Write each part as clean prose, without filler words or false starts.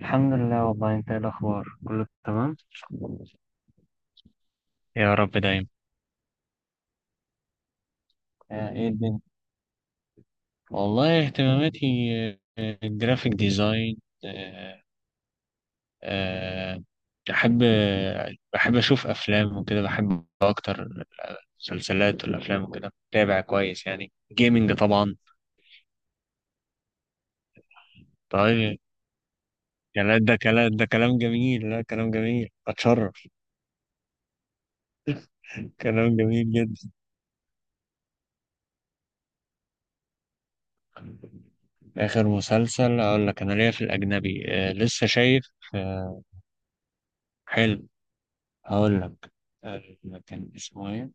الحمد لله. والله انت ايه الاخبار، كله تمام؟ يا رب دايما. ايه الدنيا. والله اهتماماتي. الجرافيك ديزاين. آه، آه، بحب، بحب اشوف افلام وكده، بحب اكتر مسلسلات والافلام وكده، بتابع كويس. يعني جيمنج طبعا. طيب يعني لا ده كلام، ده كلام جميل، لا كلام جميل، اتشرف. كلام جميل جدا. اخر مسلسل اقول لك، انا ليا في الاجنبي لسه شايف. آه، حلو. هقول لك. آه، كان اسمه ايه؟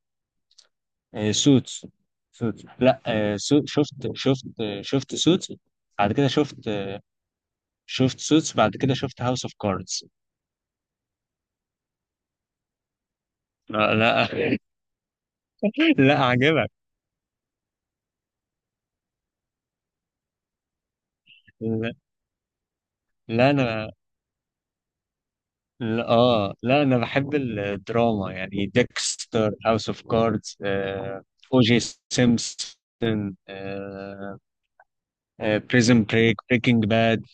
سوتس. سوتس لا سو شفت. شفت. شفت سوتس. بعد كده شفت. شفت سوتس بعد كده شفت هاوس اوف كاردز. لا لا لا عجبك. لا, لا انا. لا اه لا انا بحب الدراما يعني ديكستر، هاوس اوف كاردز، او جي، سيمبسون، بريزن بريك، بريكنج باد.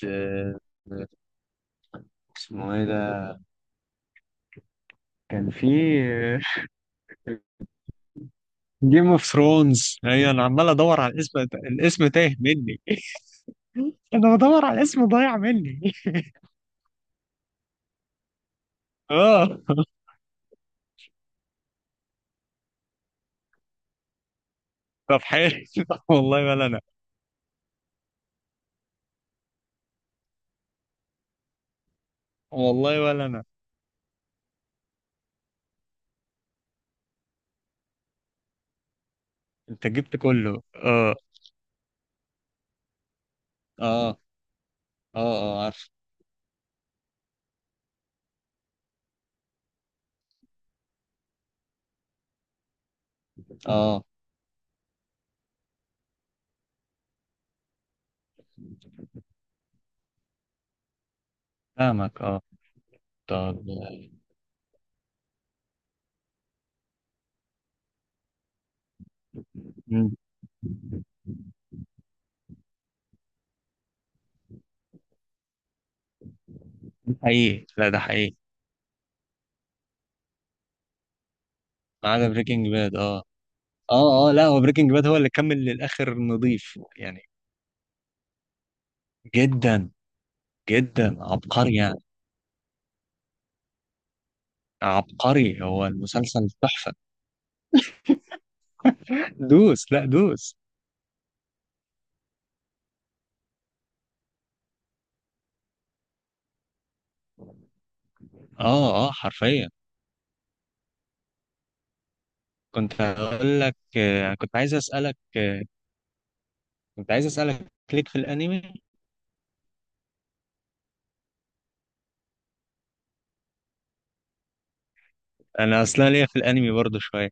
اسمه ايه ده؟ كان في جيم اوف ثرونز. هي انا عمال ادور على الاسم، الاسم تايه مني. انا بدور على الاسم ضايع مني. اه. طب حلو. والله ولا انا. والله ولا انا. انت جبت كله. اه. اه. اه. اه عارف. اه. فاهمك. اه. طب. مم، ده حقيقي، لا ده حقيقي. ما عدا بريكنج باد. اه. اه اه، لا هو بريكنج باد هو اللي كمل للاخر نظيف يعني. جدا. جدا عبقري يعني. عبقري، هو المسلسل تحفة. دوس لا دوس. اه اه حرفيا. كنت هقول لك كنت عايز اسالك كنت عايز اسالك ليك في الانمي. انا اصلا ليا في الانمي برضو شويه.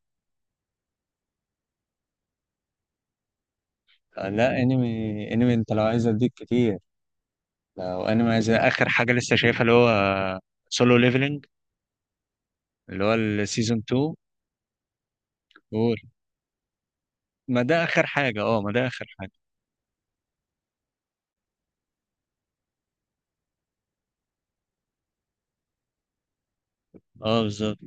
لا انمي. انمي انت لو عايز اديك كتير. لو انمي عايز اخر حاجه لسه شايفها، اللي هو سولو ليفلنج. اللي هو السيزون 2. قول. ما ده اخر حاجه. اه ما ده اخر حاجه. اه بالظبط.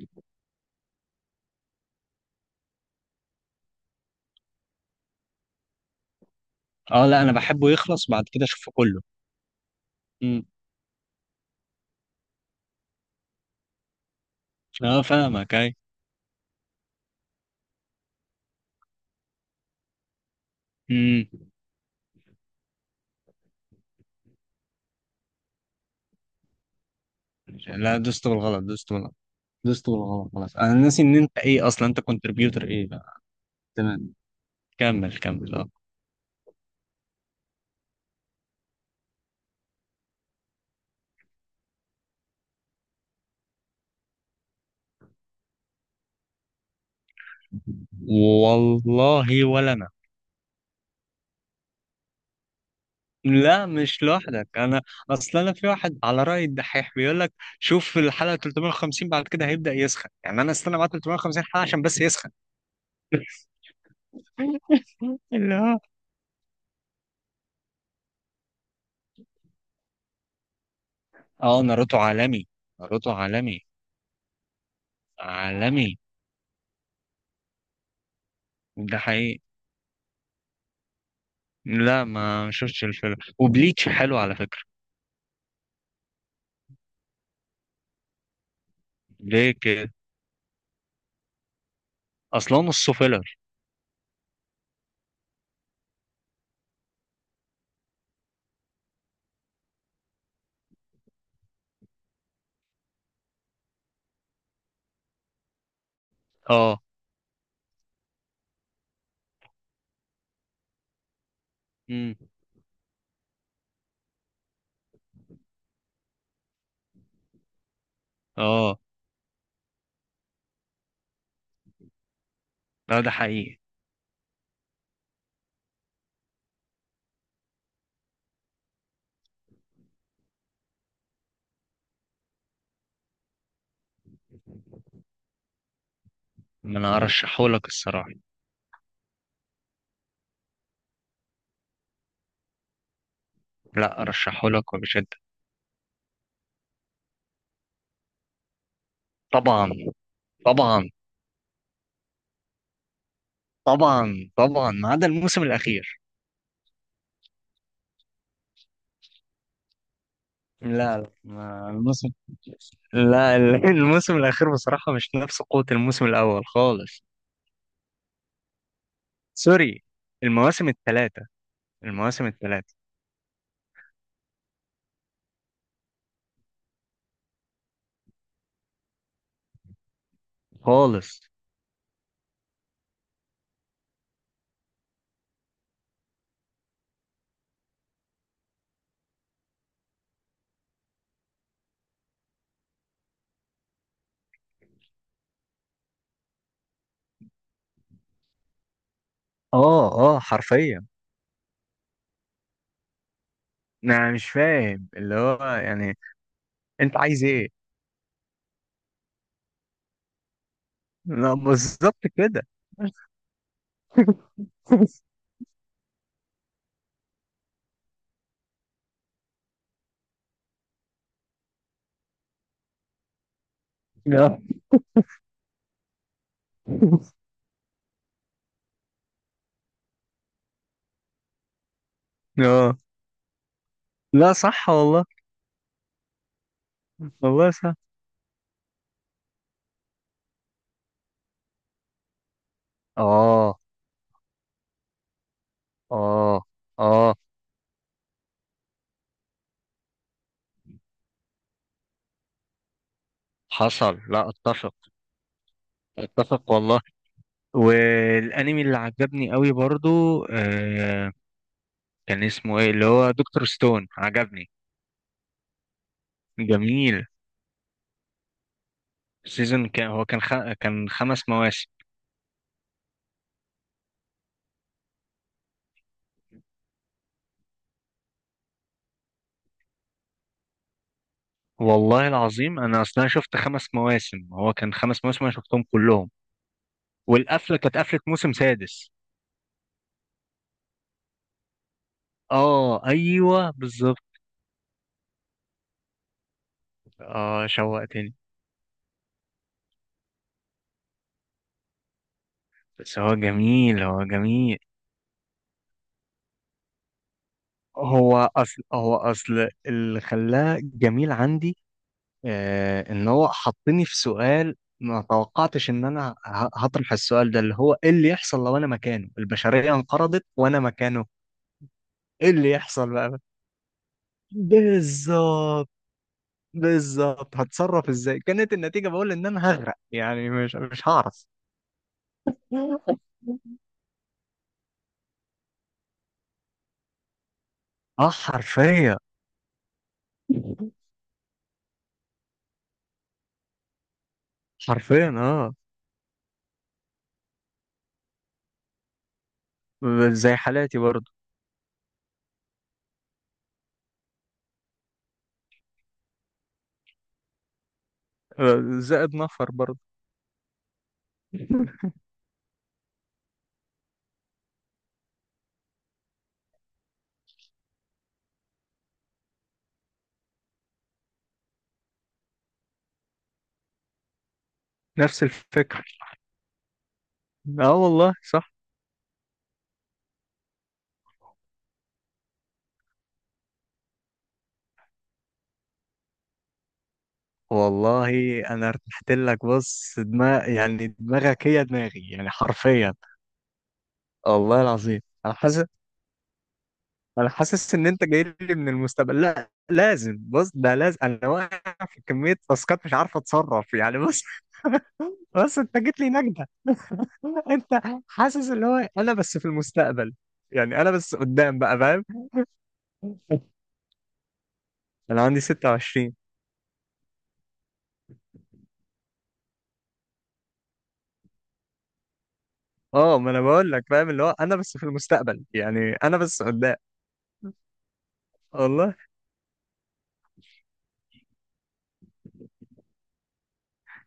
اه لا انا بحبه يخلص بعد كده اشوفه كله. امم. اه فاهمك. اي. امم. لا دوست بالغلط، دوست بالغلط. دوست بالغلط خلاص. انا ناسي ان انت ايه اصلا، انت كونتريبيوتر ايه بقى. تمام. كمل كمل. اه. والله ولا انا. لا مش لوحدك انا. اصلا انا في واحد على راي الدحيح بيقول لك شوف في الحلقه 350 بعد كده هيبدا يسخن. يعني انا استنى بعد 350 حلقه عشان بس يسخن. اللي هو. اه ناروتو عالمي. ناروتو عالمي. عالمي. ده حقيقي. لا ما شفتش الفيلم، وبليتش حلو على فكره. ليه كده. اصلا نصه فيلر. اه. اه لا ده حقيقي. ما انا ارشحهولك الصراحه. لا ارشحهولك وبشده. طبعا. طبعا طبعا. طبعا ما عدا الموسم الاخير. لا لا الموسم. لا الموسم الاخير بصراحه مش نفس قوه الموسم الاول خالص. سوري. المواسم الثلاثه. المواسم الثلاثه. خالص. اه اه حرفيا. انا مش فاهم اللي هو يعني. انت عايز ايه؟ لا، بالظبط كده. اه لا صح والله. والله صح. اه اه اه. حصل، لا اتفق. اتفق والله. والانمي اللي عجبني قوي برضو كان اسمه ايه اللي هو دكتور ستون، عجبني. جميل. سيزون كان هو كان كان خمس مواسم. والله العظيم انا اصلا شفت خمس مواسم. هو كان خمس مواسم، انا شفتهم كلهم. والقفله كانت قفله موسم سادس. اه ايوه بالظبط. اه شوقتني. بس هو جميل، هو جميل. هو اصل، هو اصل اللي خلاه جميل عندي ان هو حطني في سؤال ما توقعتش ان انا هطرح السؤال ده، اللي هو ايه اللي يحصل لو انا مكانه، البشرية انقرضت وانا مكانه. ايه اللي يحصل بقى. بالظبط. بالظبط. هتصرف ازاي؟ كانت النتيجة بقول ان انا هغرق يعني، مش مش هعرف. اه حرفيا. حرفيا اه. زي حالاتي برضه. زائد نفر برضه. نفس الفكرة. اه والله صح. والله انا ارتحت لك. بص دماغ يعني، دماغك هي دماغي يعني حرفيا. والله العظيم انا حاسس. انا حاسس ان انت جاي لي من المستقبل. لا لازم، بص، ده لازم. انا واقع في كمية تاسكات مش عارف اتصرف يعني. بص. بص انت جيت لي نجدة. انت. حاسس اللي هو انا بس في المستقبل، يعني انا بس قدام بقى، فاهم؟ انا عندي 26. اه ما انا بقول لك فاهم اللي هو انا بس في المستقبل، يعني انا بس قدام. والله.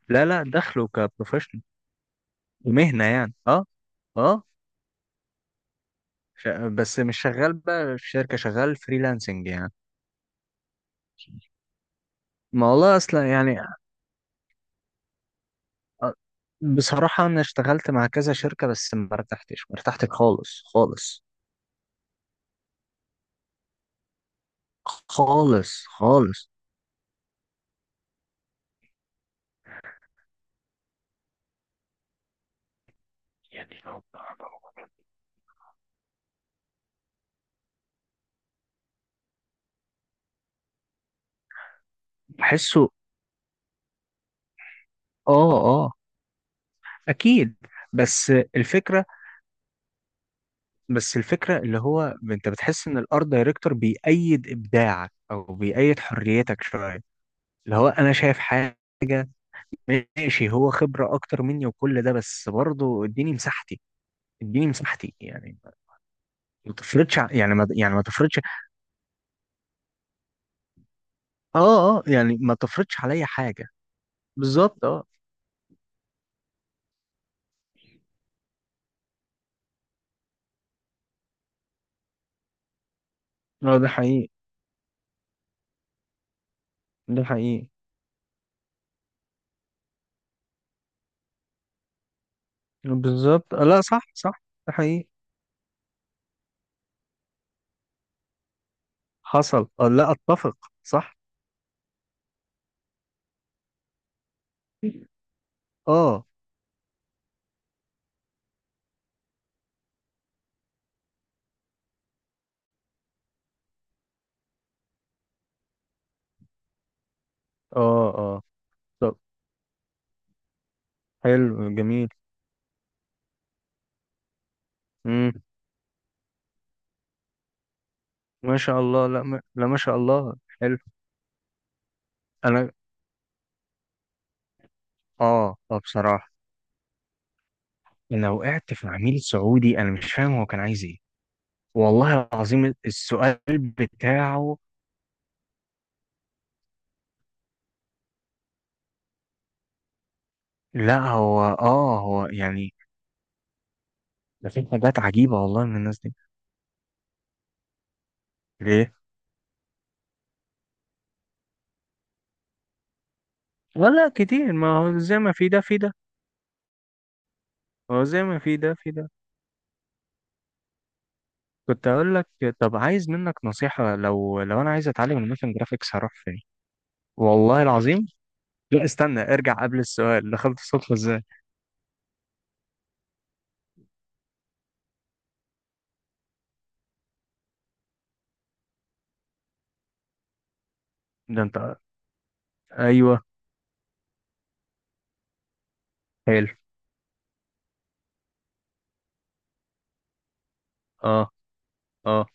لا لا، دخله كبروفيشنال. مهنة يعني، اه. اه. بس مش شغال بقى في شركة، شغال فريلانسنج يعني. ما والله اصلا يعني. آه، بصراحة انا اشتغلت مع كذا شركة بس ما ارتحتش، ما ارتحتش خالص خالص. خالص خالص. يعني بحسه. اه. اه. اكيد. بس الفكرة. بس الفكرة اللي هو، انت بتحس ان الارت دايركتور بيأيد ابداعك او بيأيد حريتك شوية. اللي هو انا شايف حاجة، ماشي هو خبرة أكتر مني وكل ده، بس برضه اديني مساحتي. اديني مساحتي يعني. ما تفرضش ع- يعني ما يعني ما تفرضش. اه اه يعني ما تفرضش عليا حاجة. بالظبط اه. اه ده حقيقي، ده حقيقي. بالظبط لا صح صح. ده حقيقي. حصل اه، لا أتفق. صح. اه اه اه. طب حلو جميل. امم. ما شاء الله. لا ما شاء الله. حلو. انا. اه اه بصراحة انا وقعت في عميل سعودي، انا مش فاهم هو كان عايز ايه. والله العظيم السؤال بتاعه. لا هو اه، هو يعني. ده في حاجات عجيبة والله من الناس دي. ليه؟ ولا كتير. ما هو زي ما في ده في ده. هو زي ما في ده في ده. كنت أقول لك. طب عايز منك نصيحة، لو لو أنا عايز أتعلم الموشن جرافيكس هروح فين؟ والله العظيم. لا استنى، ارجع قبل السؤال، دخلت الصدفة ازاي؟ ده أنت. أيوه. حلو. اه. اه.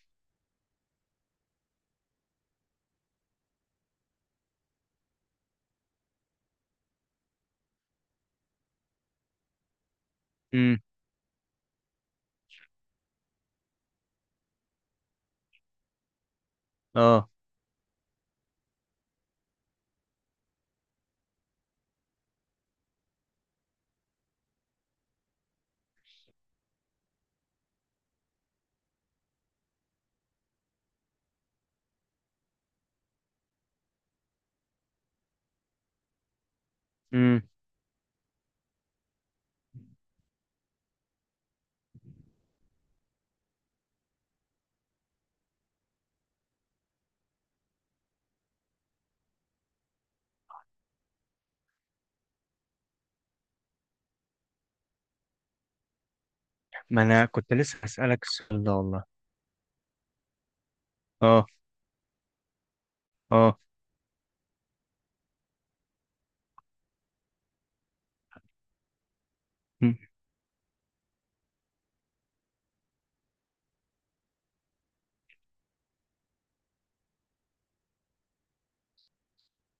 امم. اه. امم. ما أنا كنت لسه هسألك السؤال ده والله. اه. اه. امم.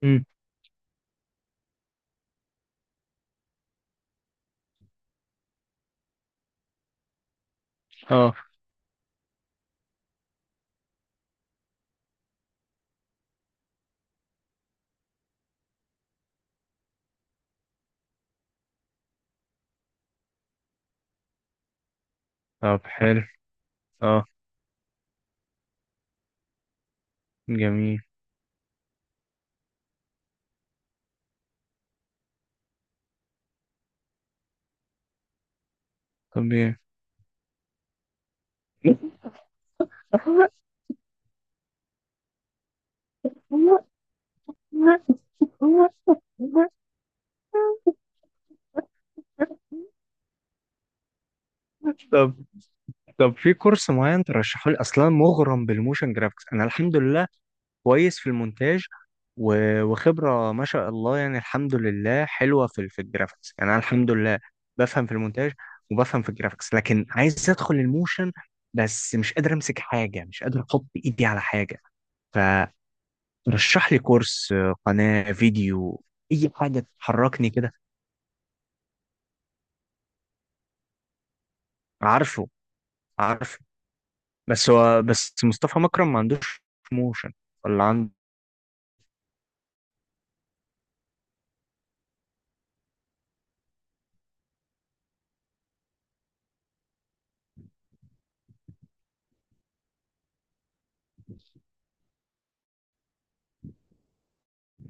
امم. اه. طب حلو. اه جميل. طب ايه. طب. طب في كورس معين ترشحه لي؟ اصلا مغرم بالموشن جرافيكس انا الحمد لله. كويس في المونتاج، وخبرة ما شاء الله يعني الحمد لله، حلوة في في الجرافيكس يعني انا الحمد لله. بفهم في المونتاج، وبفهم في الجرافيكس، لكن عايز ادخل الموشن. بس مش قادر امسك حاجة، مش قادر احط ايدي على حاجة. رشح لي كورس، قناة فيديو. أي حاجة تحركني كده. عارفه. عارفه. بس هو، بس مصطفى مكرم ما عندوش موشن. ولا عنده.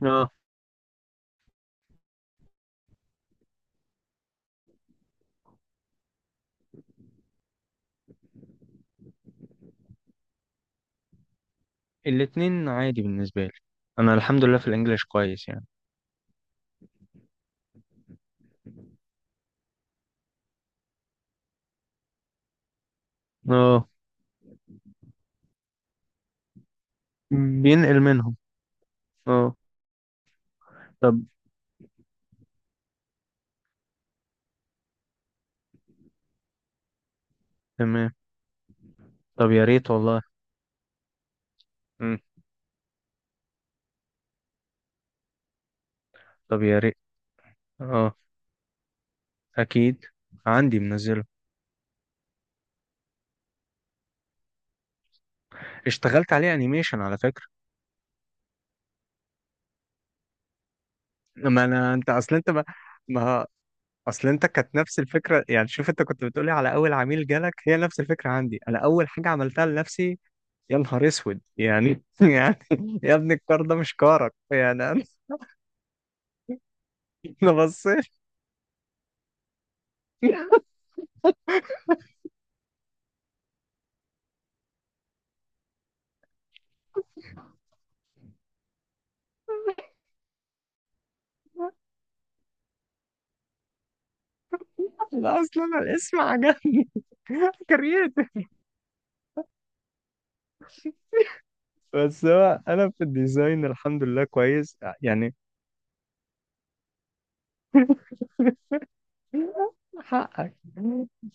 اه الاتنين عادي بالنسبة لي. أنا الحمد لله في الإنجليش كويس يعني. اه بينقل منهم. اه. طب تمام. طب يا ريت والله. مم. طب يا ريت. اه أكيد. عندي منزله. اشتغلت عليه أنيميشن على فكرة. ما أنا، أنت، أصل أنت ما، ما، اصل انت كانت نفس الفكره يعني، شوف انت كنت بتقولي على اول عميل جالك، هي نفس الفكره عندي. انا اول حاجه عملتها لنفسي يا نهار اسود يعني. يعني يا ابني الكار ده مش كارك يعني انا. أنا بصيت. لا اصلا أنا الاسم عجبني. كرييتيف. بس هو انا في الديزاين الحمد لله كويس يعني. حقك.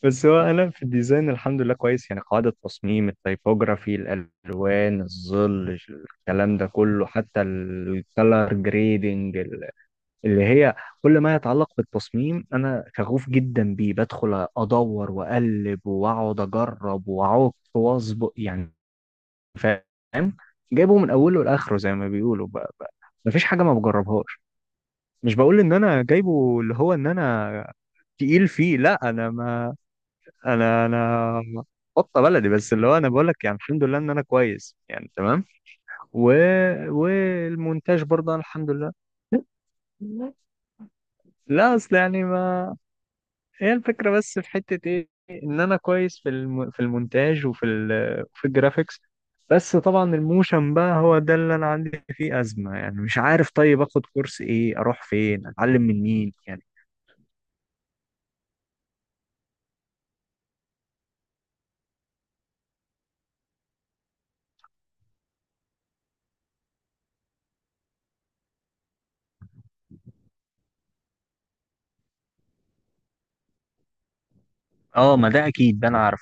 بس هو انا في الديزاين الحمد لله كويس يعني، قاعدة تصميم، التيبوجرافي، الالوان، الظل، الكلام ده كله، حتى الكلر جريدنج. اللي هي كل ما يتعلق بالتصميم انا شغوف جدا بيه، بدخل ادور واقلب واقعد اجرب واعوق واظبط يعني. فاهم. جايبه من اوله لاخره زي ما بيقولوا بقى بقى. مفيش حاجة ما بجربهاش. مش بقول ان انا جايبه، اللي هو ان انا تقيل فيه. لا انا ما، انا انا قطه بلدي، بس اللي هو انا بقول لك يعني الحمد لله ان انا كويس يعني تمام. و... والمونتاج برضه أنا الحمد لله. لا اصل يعني ما، هي الفكره بس في حته ايه ان انا كويس في في المونتاج وفي في الجرافيكس. بس طبعا الموشن بقى هو ده اللي انا عندي فيه ازمه يعني، مش عارف طيب اخد كورس ايه، اروح فين، اتعلم من مين يعني. اه ما ده اكيد، ده انا عارف.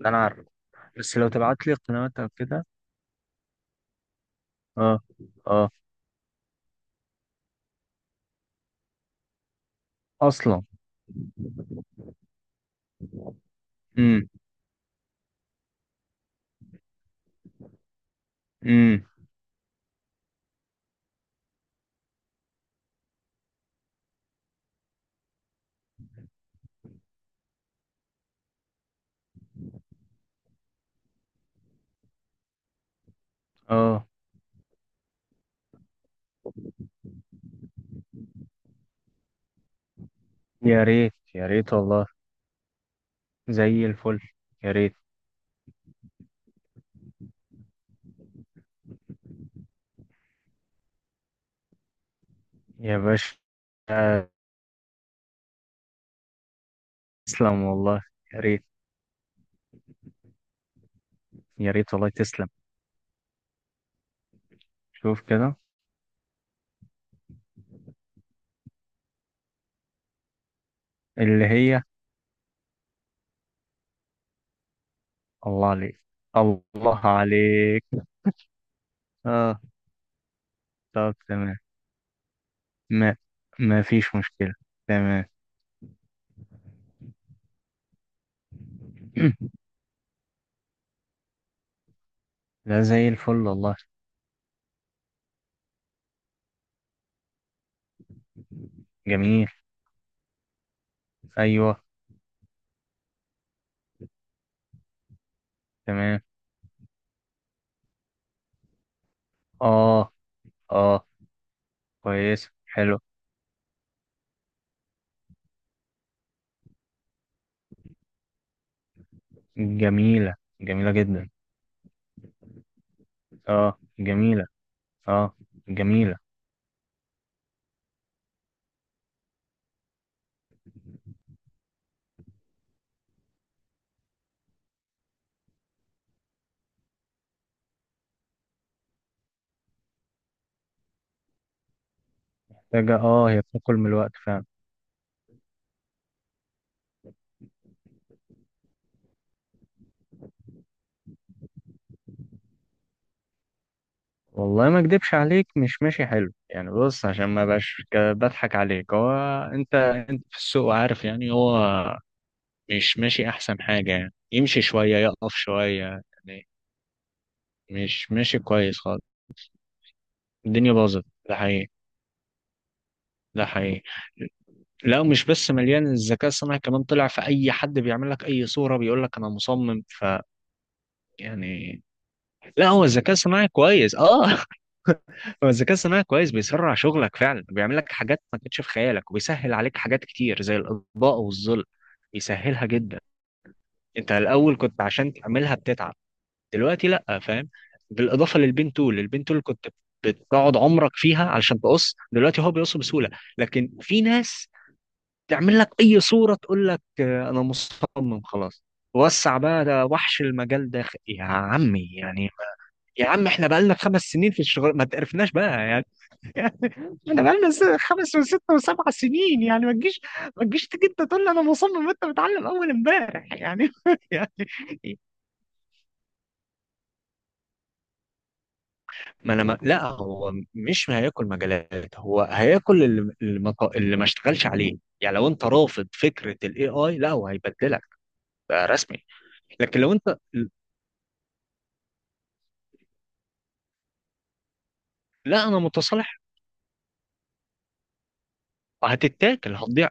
ده انا عارف. بس لو تبعت لي قنوات او كده. اه. اه. اصلا. امم. امم. اه. يا ريت يا ريت والله. زي الفل. يا ريت. يا باشا. تسلم والله. يا ريت يا ريت والله. تسلم. شوف كده. اللي هي. الله عليك. الله عليك. اه. طب تمام. ما، ما فيش مشكلة. تمام. ده زي الفل والله. جميل. ايوه. تمام. اه. اه. كويسة حلو. جميلة. جميلة جدا. اه جميلة. اه جميلة. محتاجة اه، هي بتاكل من الوقت فعلا. والله ما اكدبش عليك، مش ماشي حلو يعني. بص عشان ما بقاش بضحك عليك. هو انت، انت في السوق عارف يعني هو مش ماشي احسن حاجة يعني، يمشي شوية يقف شوية يعني. مش ماشي كويس خالص. الدنيا باظت ده حقيقي. ده حقيقي. لا مش بس مليان، الذكاء الصناعي كمان طلع، في اي حد بيعمل لك اي صورة بيقول لك انا مصمم يعني. لا هو الذكاء الصناعي كويس اه. هو الذكاء الصناعي كويس، بيسرع شغلك فعلا، بيعمل لك حاجات ما كانتش في خيالك، وبيسهل عليك حاجات كتير زي الاطباء والظل، بيسهلها جدا. انت الاول كنت عشان تعملها بتتعب، دلوقتي لا فاهم. بالاضافه للبين تول، البين تول كنت بتقعد عمرك فيها علشان تقص، دلوقتي هو بيقص بسهوله. لكن في ناس تعمل لك اي صوره تقول لك انا مصمم خلاص. وسع بقى، ده وحش المجال ده يا عمي يعني. يا عم احنا بقالنا خمس سنين في الشغل ما تعرفناش بقى يعني. احنا بقالنا خمس وست وسبع سنين يعني، ما تجيش، ما تجيش تيجي انت تقول لي انا مصمم، انت متعلم اول امبارح يعني. يعني. ما انا ما... لا هو مش هياكل مجالات، هو هياكل اللي اللي ما ط- اللي ما اشتغلش عليه. يعني لو انت رافض فكرة الاي اي لا، هو هيبدلك. ده رسمي. لكن لو انت. لا انا متصالح. هتتاكل هتضيع.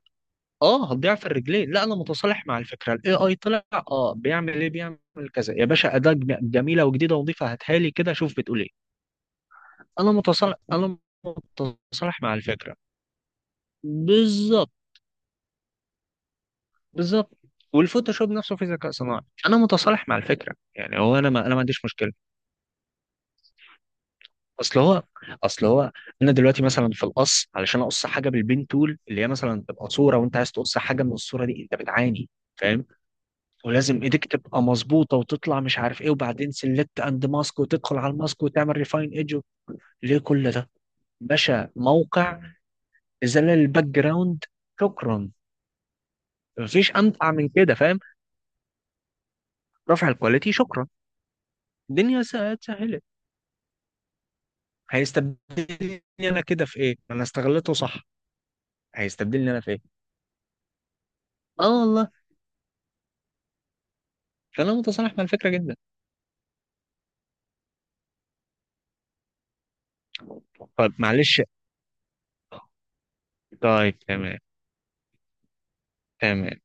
اه هتضيع في الرجلين. لا انا متصالح مع الفكره. الاي اي طلع اه، بيعمل ايه بيعمل كذا يا باشا، اداه جميله وجديده ونظيفه، هاتها لي كده شوف بتقول ايه. انا متصالح. انا متصالح مع الفكره. بالظبط. بالظبط. والفوتوشوب نفسه في ذكاء صناعي. انا متصالح مع الفكره يعني، هو انا ما، انا ما عنديش مشكله. اصل هو، اصل هو، انا دلوقتي مثلا في القص، علشان اقص حاجه بالبين تول، اللي هي مثلا تبقى صوره وانت عايز تقص حاجه من الصوره دي، انت بتعاني فاهم. ولازم ايديك تبقى مظبوطه وتطلع مش عارف ايه، وبعدين سلكت اند ماسك، وتدخل على الماسك وتعمل ريفاين ايدج. ليه كل ده؟ باشا موقع ازاله الباك جراوند، شكرا. مفيش امتع من كده فاهم. رفع الكواليتي، شكرا. الدنيا اتسهلت. هيستبدلني انا كده في ايه، انا استغلته صح. هيستبدلني انا في ايه. اه والله. فانا متصالح مع الفكره جدا. طيب معلش. طيب تمام. تمام